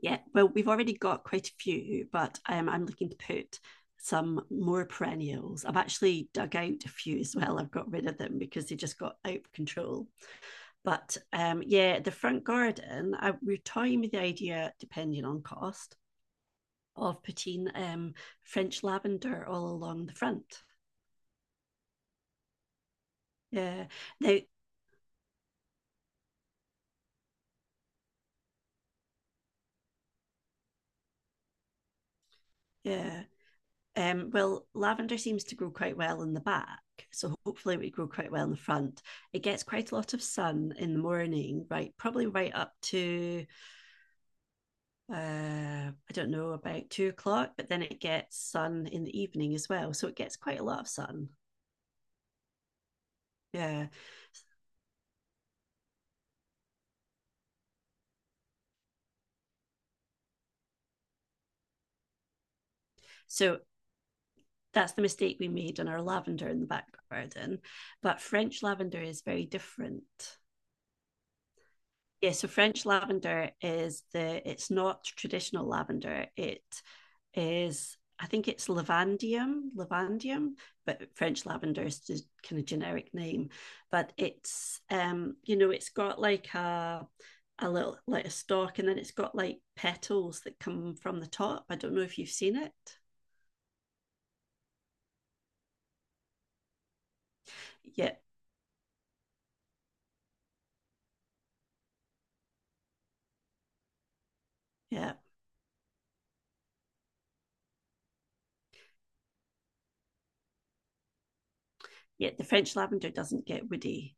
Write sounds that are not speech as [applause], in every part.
Yeah, well, we've already got quite a few, but I'm looking to put some more perennials. I've actually dug out a few as well. I've got rid of them because they just got out of control. But yeah, the front garden, I, we're toying with the idea, depending on cost, of putting French lavender all along the front. Yeah. Now, yeah. Well, lavender seems to grow quite well in the back, so hopefully it we grow quite well in the front. It gets quite a lot of sun in the morning, right? Probably right up to I don't know, about 2 o'clock, but then it gets sun in the evening as well, so it gets quite a lot of sun. Yeah, so that's the mistake we made on our lavender in the back garden. But French lavender is very different. Yeah, so French lavender is the it's not traditional lavender. It is, I think it's lavandium, lavandium, but French lavender is the kind of generic name. But it's you know, it's got like a little, like a stalk, and then it's got like petals that come from the top. I don't know if you've seen it. Yeah, yeah. Yeah, the French lavender doesn't get woody.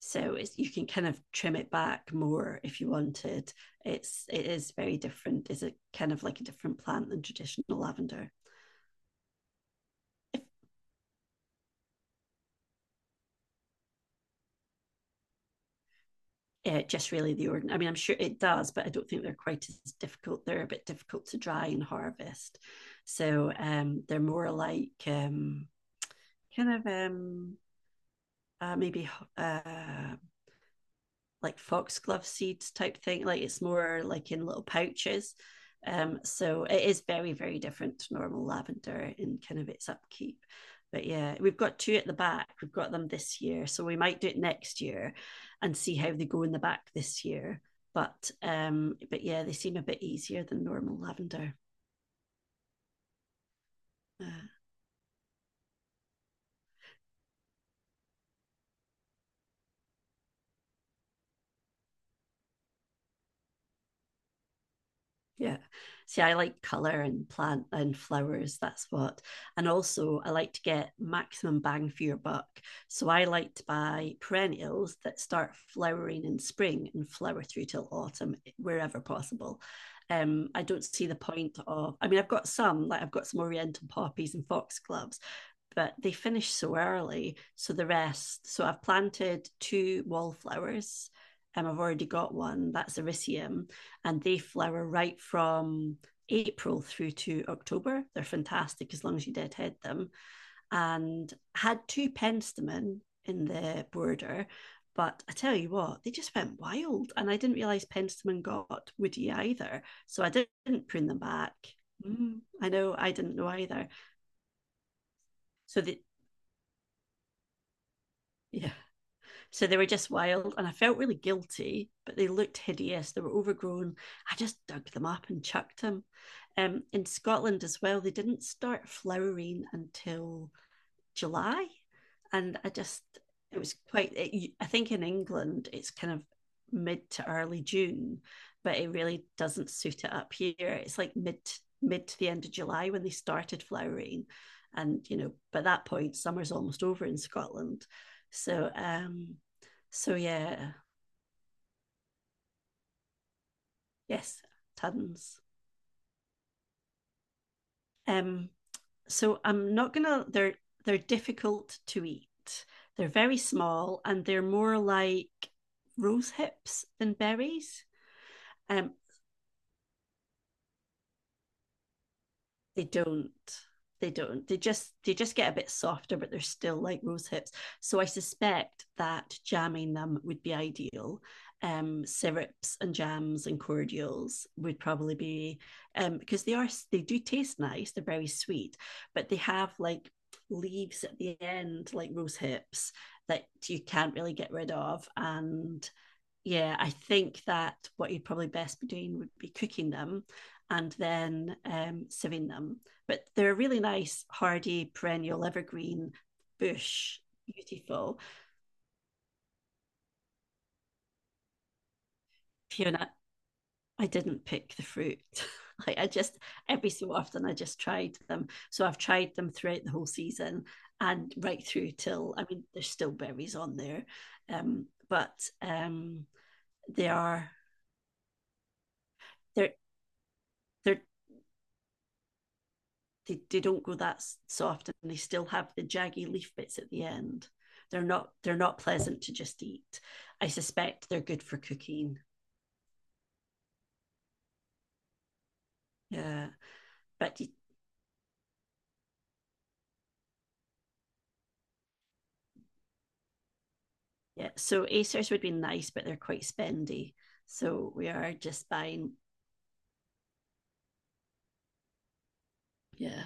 So it's, you can kind of trim it back more if you wanted. It is very different. It's a kind of, like a different plant than traditional lavender. If Just really the ordinary. I mean, I'm sure it does, but I don't think they're quite as difficult. They're a bit difficult to dry and harvest, so they're more like kind of maybe uh, like foxglove seeds type thing. Like it's more like in little pouches. So it is very, very different to normal lavender in kind of its upkeep. But yeah, we've got two at the back. We've got them this year. So we might do it next year and see how they go in the back this year. But yeah, they seem a bit easier than normal lavender. Uh, Yeah. See, I like colour and plant and flowers. That's what. And also, I like to get maximum bang for your buck. So I like to buy perennials that start flowering in spring and flower through till autumn, wherever possible. I don't see the point of, I mean, I've got some, like I've got some oriental poppies and foxgloves, but they finish so early. So the rest, so I've planted two wallflowers. I've already got one, that's Ericium, and they flower right from April through to October. They're fantastic as long as you deadhead them. And had two penstemon in the border, but I tell you what, they just went wild. And I didn't realise penstemon got woody either. So I didn't prune them back. Mm, I know, I didn't know either. So the, yeah, So they were just wild, and I felt really guilty, but they looked hideous. They were overgrown. I just dug them up and chucked them. In Scotland as well, they didn't start flowering until July. And I just, it was quite, it, I think in England, it's kind of mid to early June, but it really doesn't suit it up here. It's like mid to the end of July when they started flowering. And, you know, by that point, summer's almost over in Scotland. So, um, so yeah, yes, tons. Um, so I'm not gonna. They're difficult to eat. They're very small and they're more like rose hips than berries. Um, they don't, they just, get a bit softer, but they're still like rose hips, so I suspect that jamming them would be ideal. Syrups and jams and cordials would probably be, because they are, they do taste nice, they're very sweet, but they have like leaves at the end, like rose hips, that you can't really get rid of. And yeah, I think that what you'd probably best be doing would be cooking them and then sieving them. But they're a really nice, hardy, perennial, evergreen bush, beautiful. Fiona, I didn't pick the fruit. [laughs] Like I just, every so often I just tried them. So I've tried them throughout the whole season and right through till, I mean, there's still berries on there. But They are, they're they're they don't go that soft, and they still have the jaggy leaf bits at the end. They're not pleasant to just eat. I suspect they're good for cooking. Yeah, but yeah, so acers would be nice, but they're quite spendy, so we are just buying. Yeah,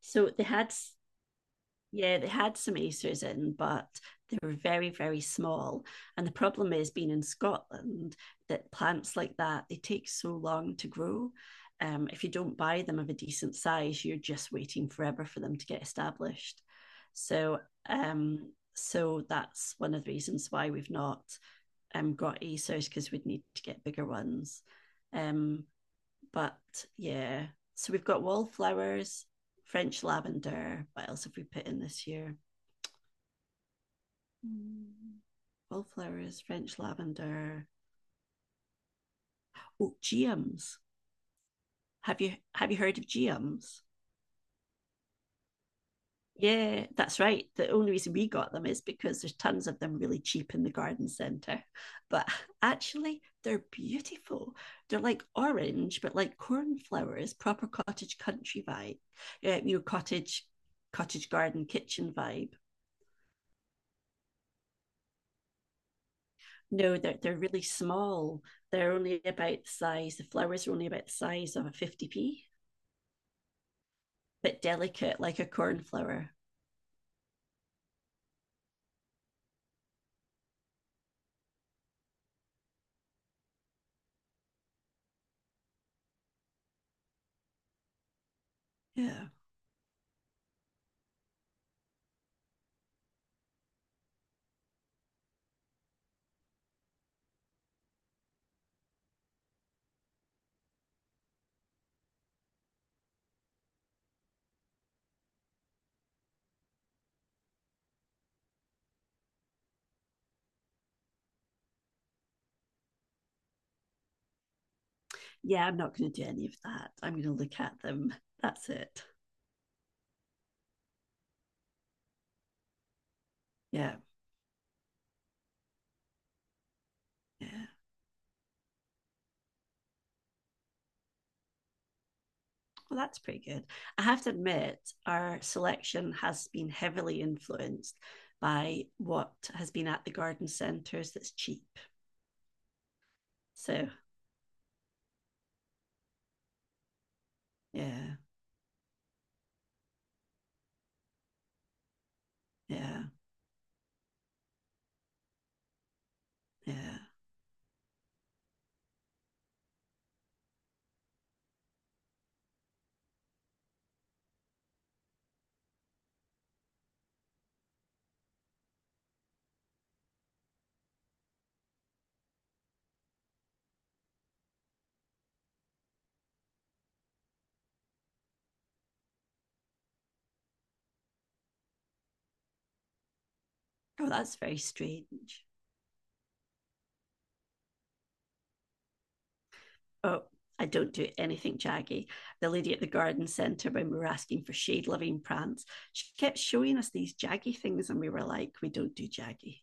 so they had, yeah, they had some acers in, but they were very, very small. And the problem is, being in Scotland, that plants like that, they take so long to grow. If you don't buy them of a decent size, you're just waiting forever for them to get established. So, so that's one of the reasons why we've not got acers, because we'd need to get bigger ones. Um, but Yeah, so we've got wallflowers, French lavender. What else have we put in this year? Mm. Wallflowers, French lavender. Oh, GMs. Have you heard of GMs? Yeah, that's right. The only reason we got them is because there's tons of them really cheap in the garden centre. But actually, they're beautiful. They're like orange, but like cornflowers, proper cottage country vibe. Yeah, you know, cottage garden kitchen vibe. No, they're really small. They're only about the size. The flowers are only about the size of a 50p. But delicate, like a cornflower. Yeah. Yeah, I'm not going to do any of that. I'm going to look at them. That's it. Yeah. Yeah. Well, that's pretty good. I have to admit, our selection has been heavily influenced by what has been at the garden centres that's cheap. So, yeah, yeah, yeah. Oh, that's very strange. Oh, I don't do anything jaggy. The lady at the garden centre, when we were asking for shade loving plants, she kept showing us these jaggy things, and we were like, we don't do jaggy.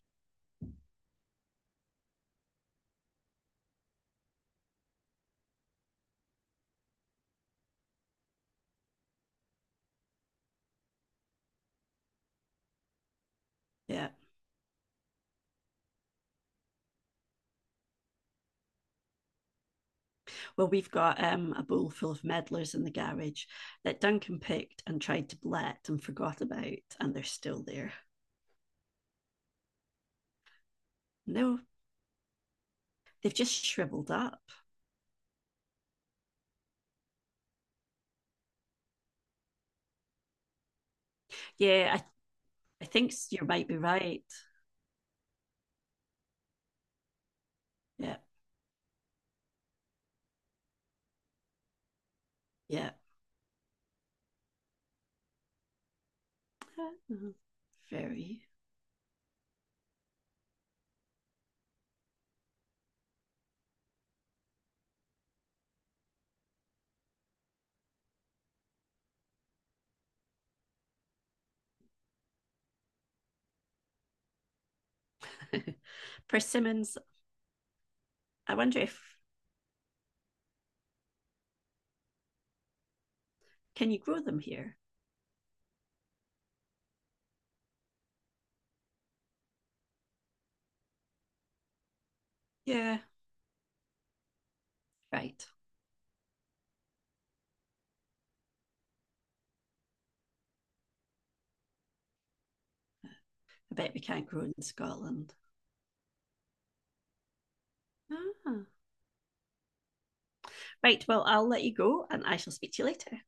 Yeah. Well, we've got a bowl full of meddlers in the garage that Duncan picked and tried to blet and forgot about, and they're still there. No, they've just shriveled up. Yeah, I think you might be right. Yeah, yeah. Uh, Very. [laughs] Persimmons, I wonder if, can you grow them here? Yeah, right. I bet we can't grow in Scotland. Ah. Right, well, I'll let you go and I shall speak to you later.